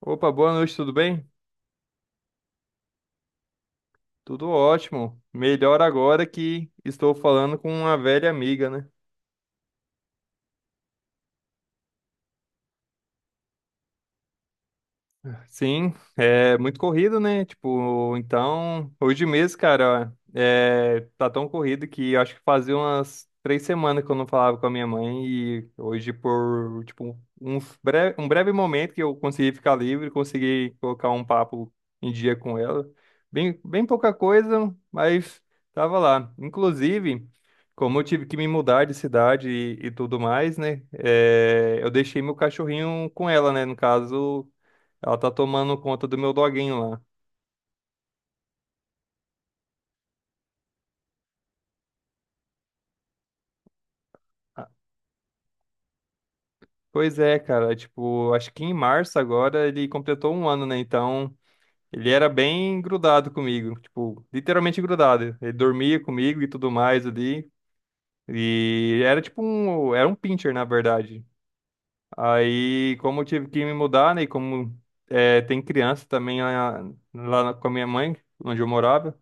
Opa, boa noite, tudo bem? Tudo ótimo. Melhor agora que estou falando com uma velha amiga, né? Sim, é muito corrido, né? Tipo, então, hoje mesmo, cara, tá tão corrido que eu acho que fazia umas 3 semanas que eu não falava com a minha mãe e hoje, por, tipo, um breve momento que eu consegui ficar livre, consegui colocar um papo em dia com ela. Bem, bem pouca coisa, mas tava lá. Inclusive, como eu tive que me mudar de cidade e tudo mais, né? Eu deixei meu cachorrinho com ela, né? No caso. Ela tá tomando conta do meu doguinho lá. Ah, pois é, cara. Tipo, acho que em março agora ele completou um ano, né? Então, ele era bem grudado comigo. Tipo, literalmente grudado. Ele dormia comigo e tudo mais ali. E era tipo um. Era um pincher, na verdade. Aí, como eu tive que me mudar, né? E como tem criança também lá, com a minha mãe, onde eu morava,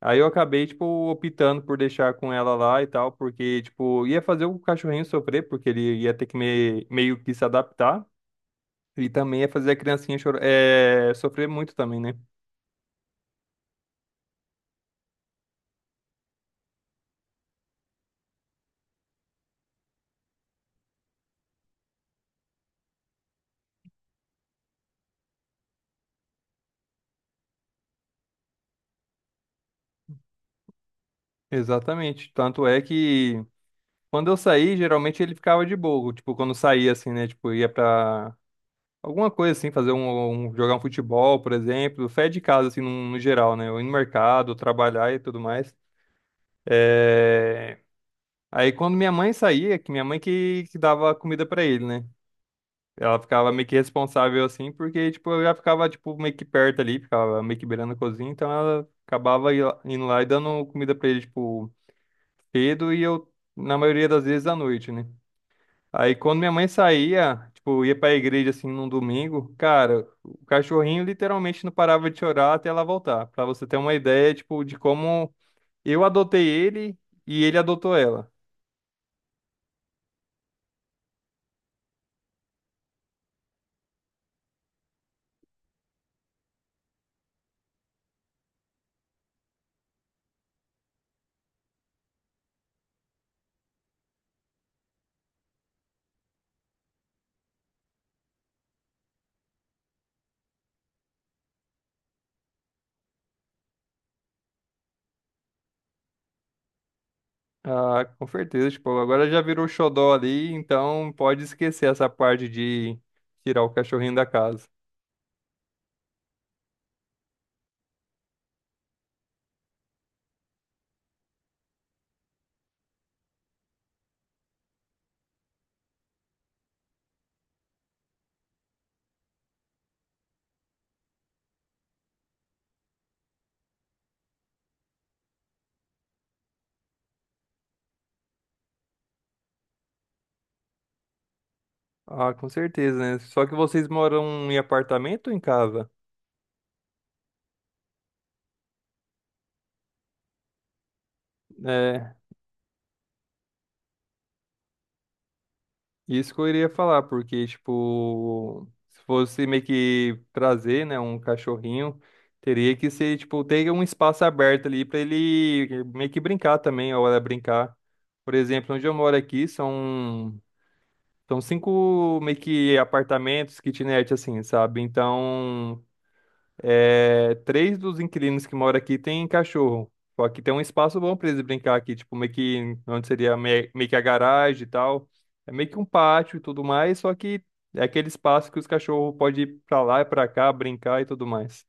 aí eu acabei, tipo, optando por deixar com ela lá e tal, porque, tipo, ia fazer o cachorrinho sofrer, porque ele ia ter que meio que se adaptar, e também ia fazer a criancinha chora, sofrer muito também, né? Exatamente. Tanto é que quando eu saí, geralmente ele ficava de boa, tipo, quando saía, assim, né? Tipo, ia pra. Alguma coisa assim, fazer jogar um futebol, por exemplo, fé de casa, assim, no geral, né? Ou ir no mercado, trabalhar e tudo mais. Aí quando minha mãe saía, é que minha mãe que dava comida pra ele, né? Ela ficava meio que responsável assim, porque, tipo, eu já ficava, tipo, meio que perto ali, ficava meio que beirando a cozinha, então ela acabava indo lá e dando comida pra ele, tipo, cedo e eu, na maioria das vezes, à noite, né? Aí quando minha mãe saía, tipo, ia pra igreja assim num domingo, cara, o cachorrinho literalmente não parava de chorar até ela voltar. Pra você ter uma ideia, tipo, de como eu adotei ele e ele adotou ela. Ah, com certeza, tipo, agora já virou xodó ali, então pode esquecer essa parte de tirar o cachorrinho da casa. Ah, com certeza, né? Só que vocês moram em apartamento ou em casa? É, Isso que eu iria falar, porque, tipo, se fosse meio que trazer, né, um cachorrinho, teria que ser, tipo, ter um espaço aberto ali pra ele meio que brincar também, a hora de brincar. Por exemplo, onde eu moro aqui são cinco meio que apartamentos, kitnet, assim, sabe? Então, três dos inquilinos que moram aqui tem cachorro. Só que tem um espaço bom pra eles brincar aqui, tipo, meio que onde seria meio que a garagem e tal. É meio que um pátio e tudo mais, só que é aquele espaço que os cachorros podem ir pra lá e pra cá, brincar e tudo mais.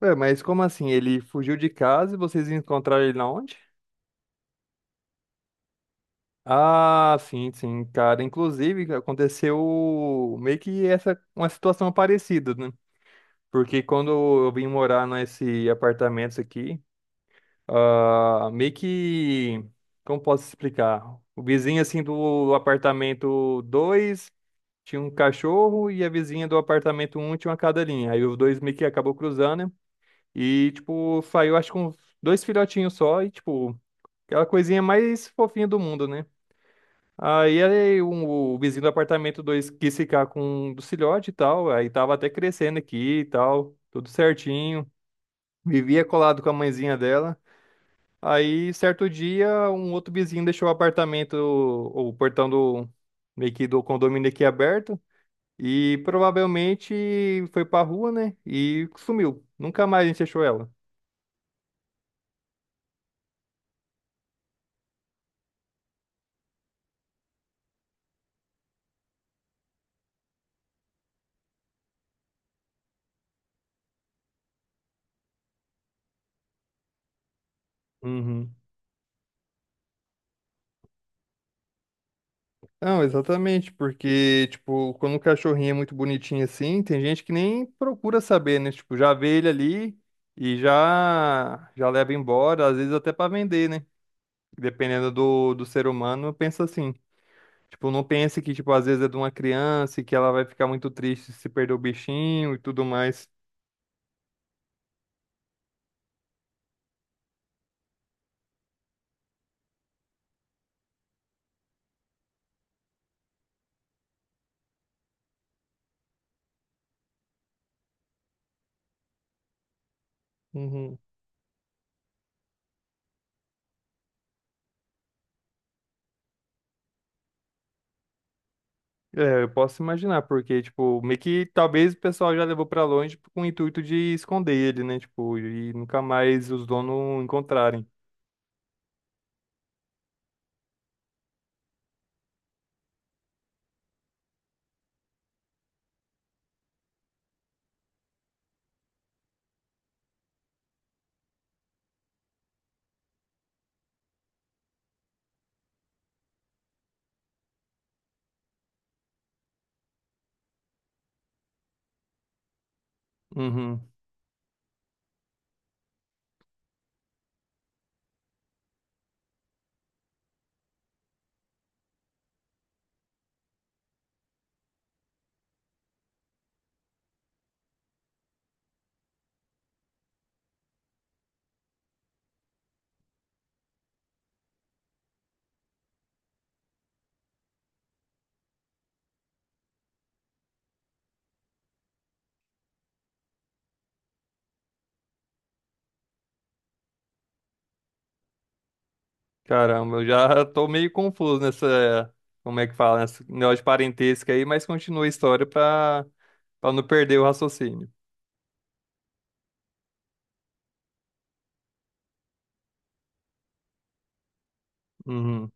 Ué, mas como assim? Ele fugiu de casa e vocês encontraram ele na onde? Ah, sim, sim, cara. Inclusive, aconteceu meio que essa uma situação parecida, né? Porque quando eu vim morar nesse apartamento aqui. Ah, meio que. Como posso explicar? O vizinho, assim, do apartamento 2 tinha um cachorro e a vizinha do apartamento 1 tinha uma cadelinha. Aí os dois meio que acabou cruzando, né? E, tipo, saiu, acho que com dois filhotinhos só e, tipo, aquela coisinha mais fofinha do mundo, né? O vizinho do apartamento 2 quis ficar com um do filhote e tal. Aí tava até crescendo aqui e tal, tudo certinho. Vivia colado com a mãezinha dela. Aí, certo dia, um outro vizinho deixou o apartamento, o portão do, meio que do condomínio aqui aberto. E provavelmente foi pra rua, né? E sumiu. Nunca mais a gente achou ela. Uhum. Não, exatamente, porque, tipo, quando o cachorrinho é muito bonitinho assim, tem gente que nem procura saber, né? Tipo, já vê ele ali e já já leva embora, às vezes até pra vender, né? Dependendo do ser humano, pensa assim. Tipo, não pense que, tipo, às vezes é de uma criança e que ela vai ficar muito triste se perder o bichinho e tudo mais. Uhum. É, eu posso imaginar, porque, tipo, meio que talvez o pessoal já levou pra longe com o intuito de esconder ele, né? Tipo, e nunca mais os donos encontrarem. Uhum. Caramba, eu já tô meio confuso nessa, como é que fala, nessa negócio de parentesco aí, mas continua a história pra não perder o raciocínio. Uhum.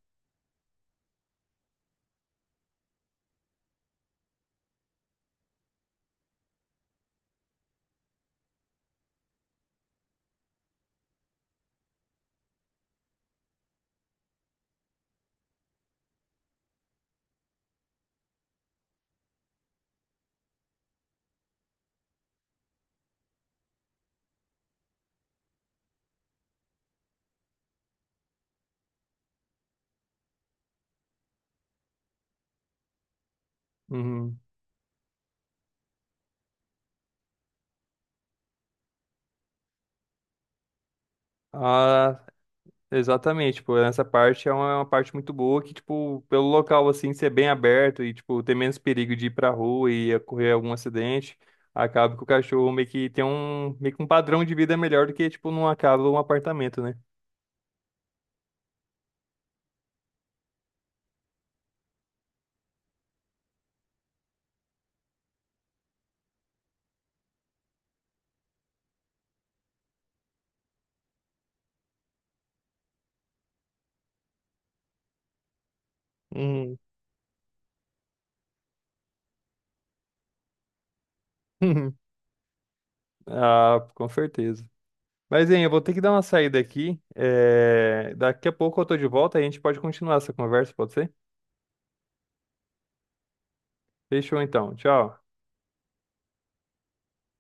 Uhum. Ah, exatamente, tipo, essa parte é uma parte muito boa que, tipo, pelo local, assim, ser bem aberto e, tipo, ter menos perigo de ir pra rua e ocorrer algum acidente, acaba que o cachorro meio que tem um, meio que um padrão de vida melhor do que, tipo, numa casa ou um apartamento, né? Uhum. Ah, com certeza. Mas, hein, eu vou ter que dar uma saída aqui, daqui a pouco eu tô de volta e a gente pode continuar essa conversa, pode ser? Fechou, então, tchau.